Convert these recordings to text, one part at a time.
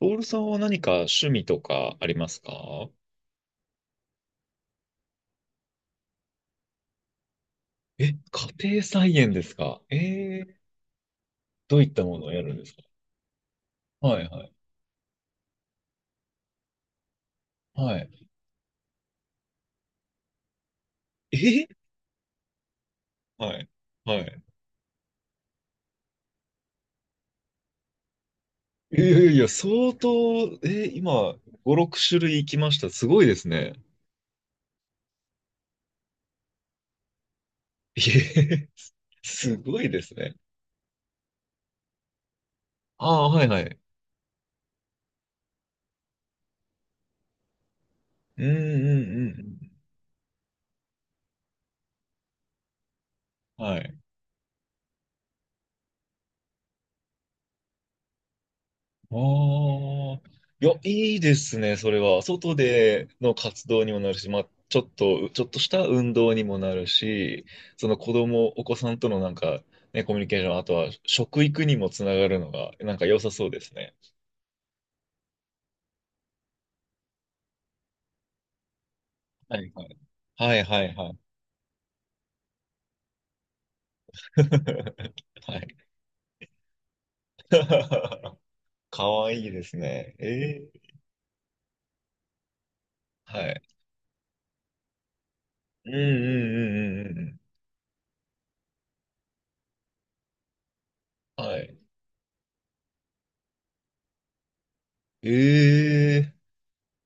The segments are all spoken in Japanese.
ロールさんは何か趣味とかありますか？え、家庭菜園ですかどういったものをやるんですか？はいはい。はい。え、はい。はい。いやいやいや、相当、今、5、6種類いきました。すごいですね。えへ、へ、すごいですね。ああ、はいはい。うんうんうんうん。はい。ああ、いや、いいですね、それは。外での活動にもなるし、まあ、ちょっとした運動にもなるし、その子供、お子さんとのなんか、ね、コミュニケーション、あとは食育にもつながるのが、なんか良さそうですね。はいはい。はいはいはい。はい。かわいいですね。ええ、はい。うんうんうんうんうんうん。はい。ええ、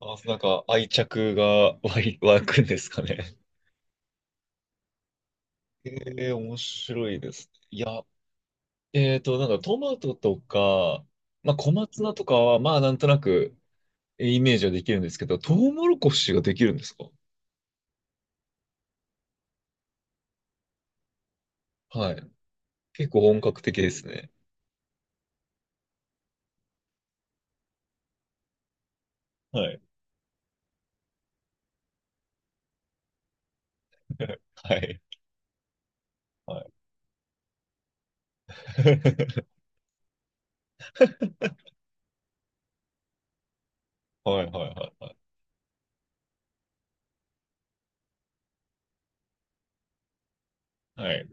あ、なんか愛着が湧い、湧くんですかね。ええ、面白いですね。いや、なんかトマトとか、まあ小松菜とかは、まあなんとなくイメージはできるんですけど、トウモロコシができるんですか？はい。結構本格的ですね。はい。はい。はい。はいはいはいはい。はい。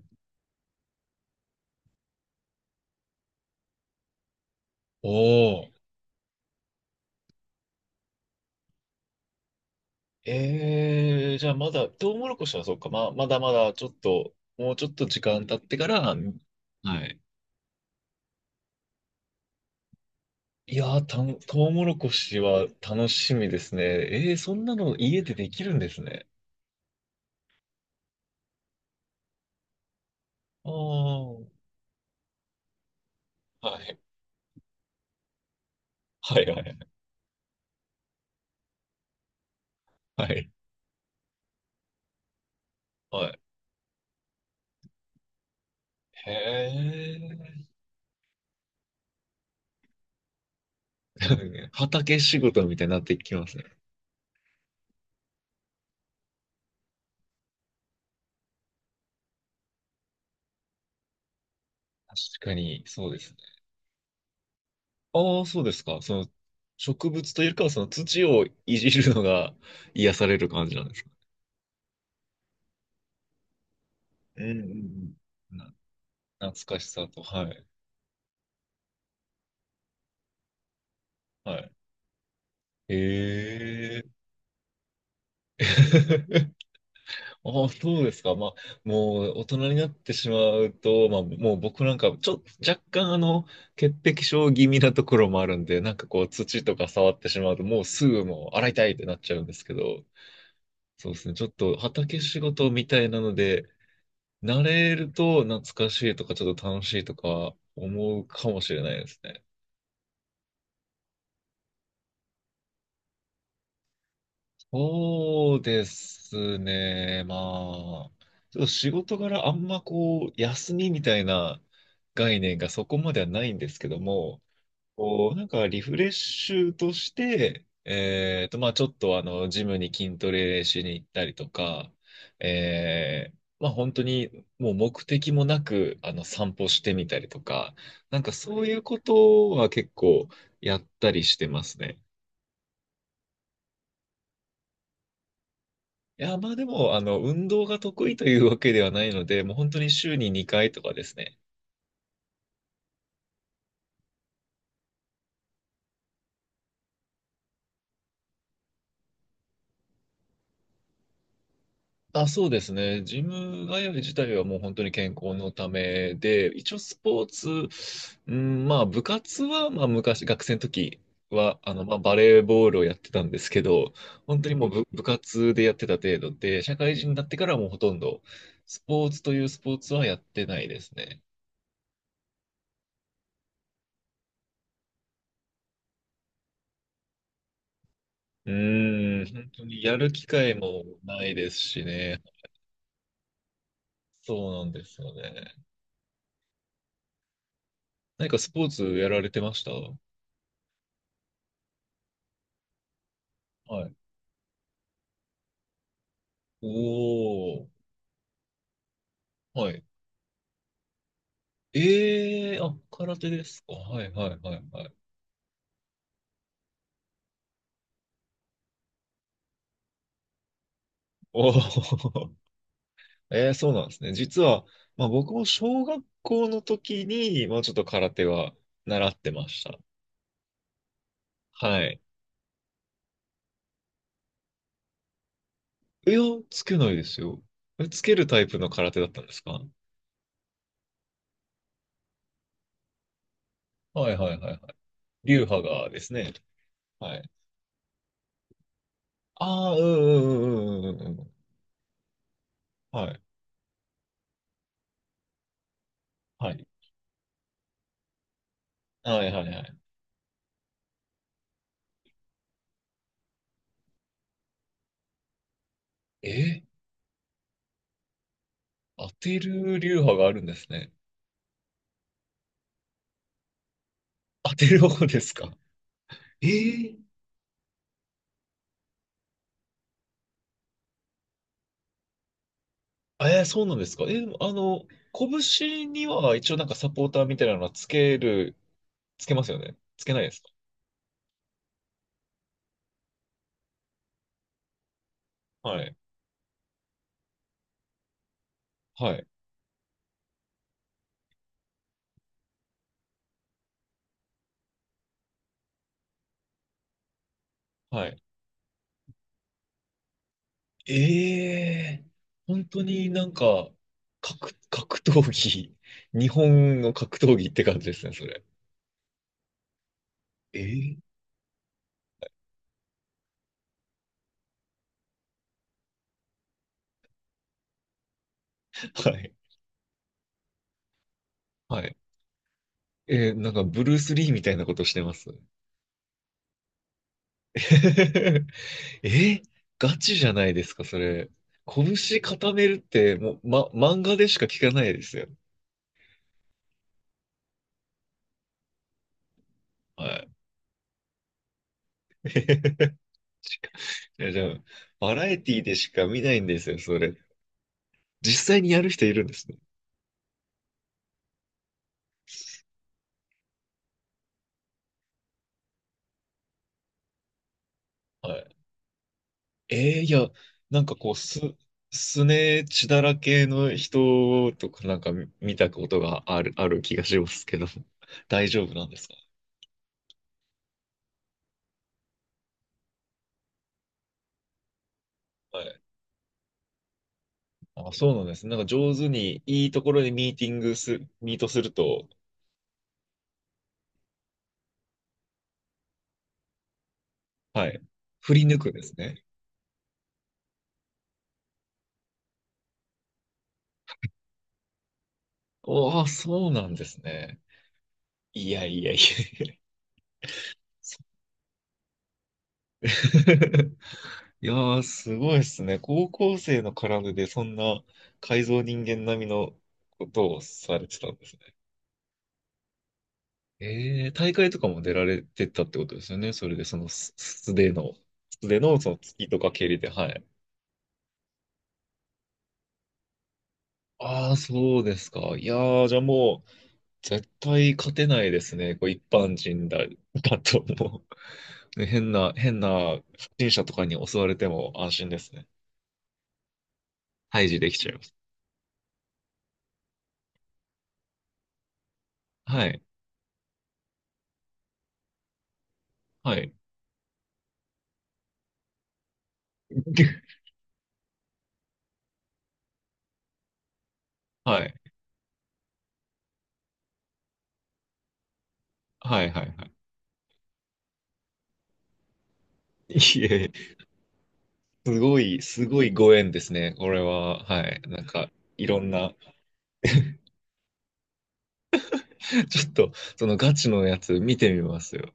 おー。じゃあまだ、トウモロコシはそうか、まあ、まだまだちょっと、もうちょっと時間経ってから、はい。いやー、トウモロコシは楽しみですね。そんなの家でできるんですね。ああ、はい。はい、はい、はい。はい。へえ。畑仕事みたいになってきますね。確かに、そうですね。ああ、そうですか。その、植物というか、その土をいじるのが癒される感じなんですか？うんうんうん。懐かしさと、はい。はい。ええ。ああ、そうですか。まあ、もう大人になってしまうと、まあ、もう僕なんか、ちょっと若干潔癖症気味なところもあるんで、なんかこう、土とか触ってしまうと、もうすぐもう洗いたいってなっちゃうんですけど、そうですね。ちょっと畑仕事みたいなので、慣れると懐かしいとか、ちょっと楽しいとか思うかもしれないですね。そうですね。まあ、ちょっと仕事柄あんまこう、休みみたいな概念がそこまではないんですけども、こう、なんかリフレッシュとして、まあちょっとジムに筋トレしに行ったりとか、えー、まあ本当にもう目的もなく、散歩してみたりとか、なんかそういうことは結構やったりしてますね。いや、まあでも、運動が得意というわけではないので、もう本当に週に2回とかですね。あ、そうですね。ジム通い自体はもう本当に健康のためで、一応スポーツ、うん、まあ部活は、まあ昔、学生の時は、まあバレーボールをやってたんですけど、本当にもう部活でやってた程度で、社会人になってからはもうほとんどスポーツというスポーツはやってないですね。うん、本当にやる機会もないですしね。そうなんですよね。何かスポーツやられてました？はい。おー。はい。あ、空手ですか。はいはいはいはい。おー。そうなんですね。実は、まあ僕も小学校の時に、まあちょっと空手は習ってました。はい。いや、つけないですよ。つけるタイプの空手だったんですか？はいはいはいはい。流派がですね。はい。ああ、うんうんうんうんうんうんうん。はい。はい。はいはいはい。え当てる流派があるんですね。当てる方ですか？えー、そうなんですか？拳には一応なんかサポーターみたいなのはつけますよね？つけないですか？はい。はい。はい。ええ、本当になんか、格闘技、日本の格闘技って感じですね、それ。ええ、はい。はい。なんかブルース・リーみたいなことしてます。え、ガチじゃないですか、それ。拳固めるって、もう、ま、漫画でしか聞かないですよ。はい。いや、じゃあ、バラエティでしか見ないんですよ、それ。実際にやる人いるんですね。はい。いや、なんかこう、すね血だらけの人とかなんか見たことがある気がしますけど、大丈夫なんですか？はい。あ、そうなんです。なんか上手に、いいところでミートすると、はい。振り抜くですね。おー、そうなんですね。いやいやいや。そ いやー、すごいですね。高校生の絡みでそんな改造人間並みのことをされてたんですね。大会とかも出られてたってことですよね。それで、そのす素手のその突きとか蹴りで、はい。ああ、そうですか。いやー、じゃあもう、絶対勝てないですね。こう一般人だと思う。ね、変な不審者とかに襲われても安心ですね。退治できちゃいます。はい。はい。はい。はい。はい。はい。いえ、すごい、すごいご縁ですね。これは、はい。なんか、いろんな、ちょっと、そのガチのやつ見てみますよ。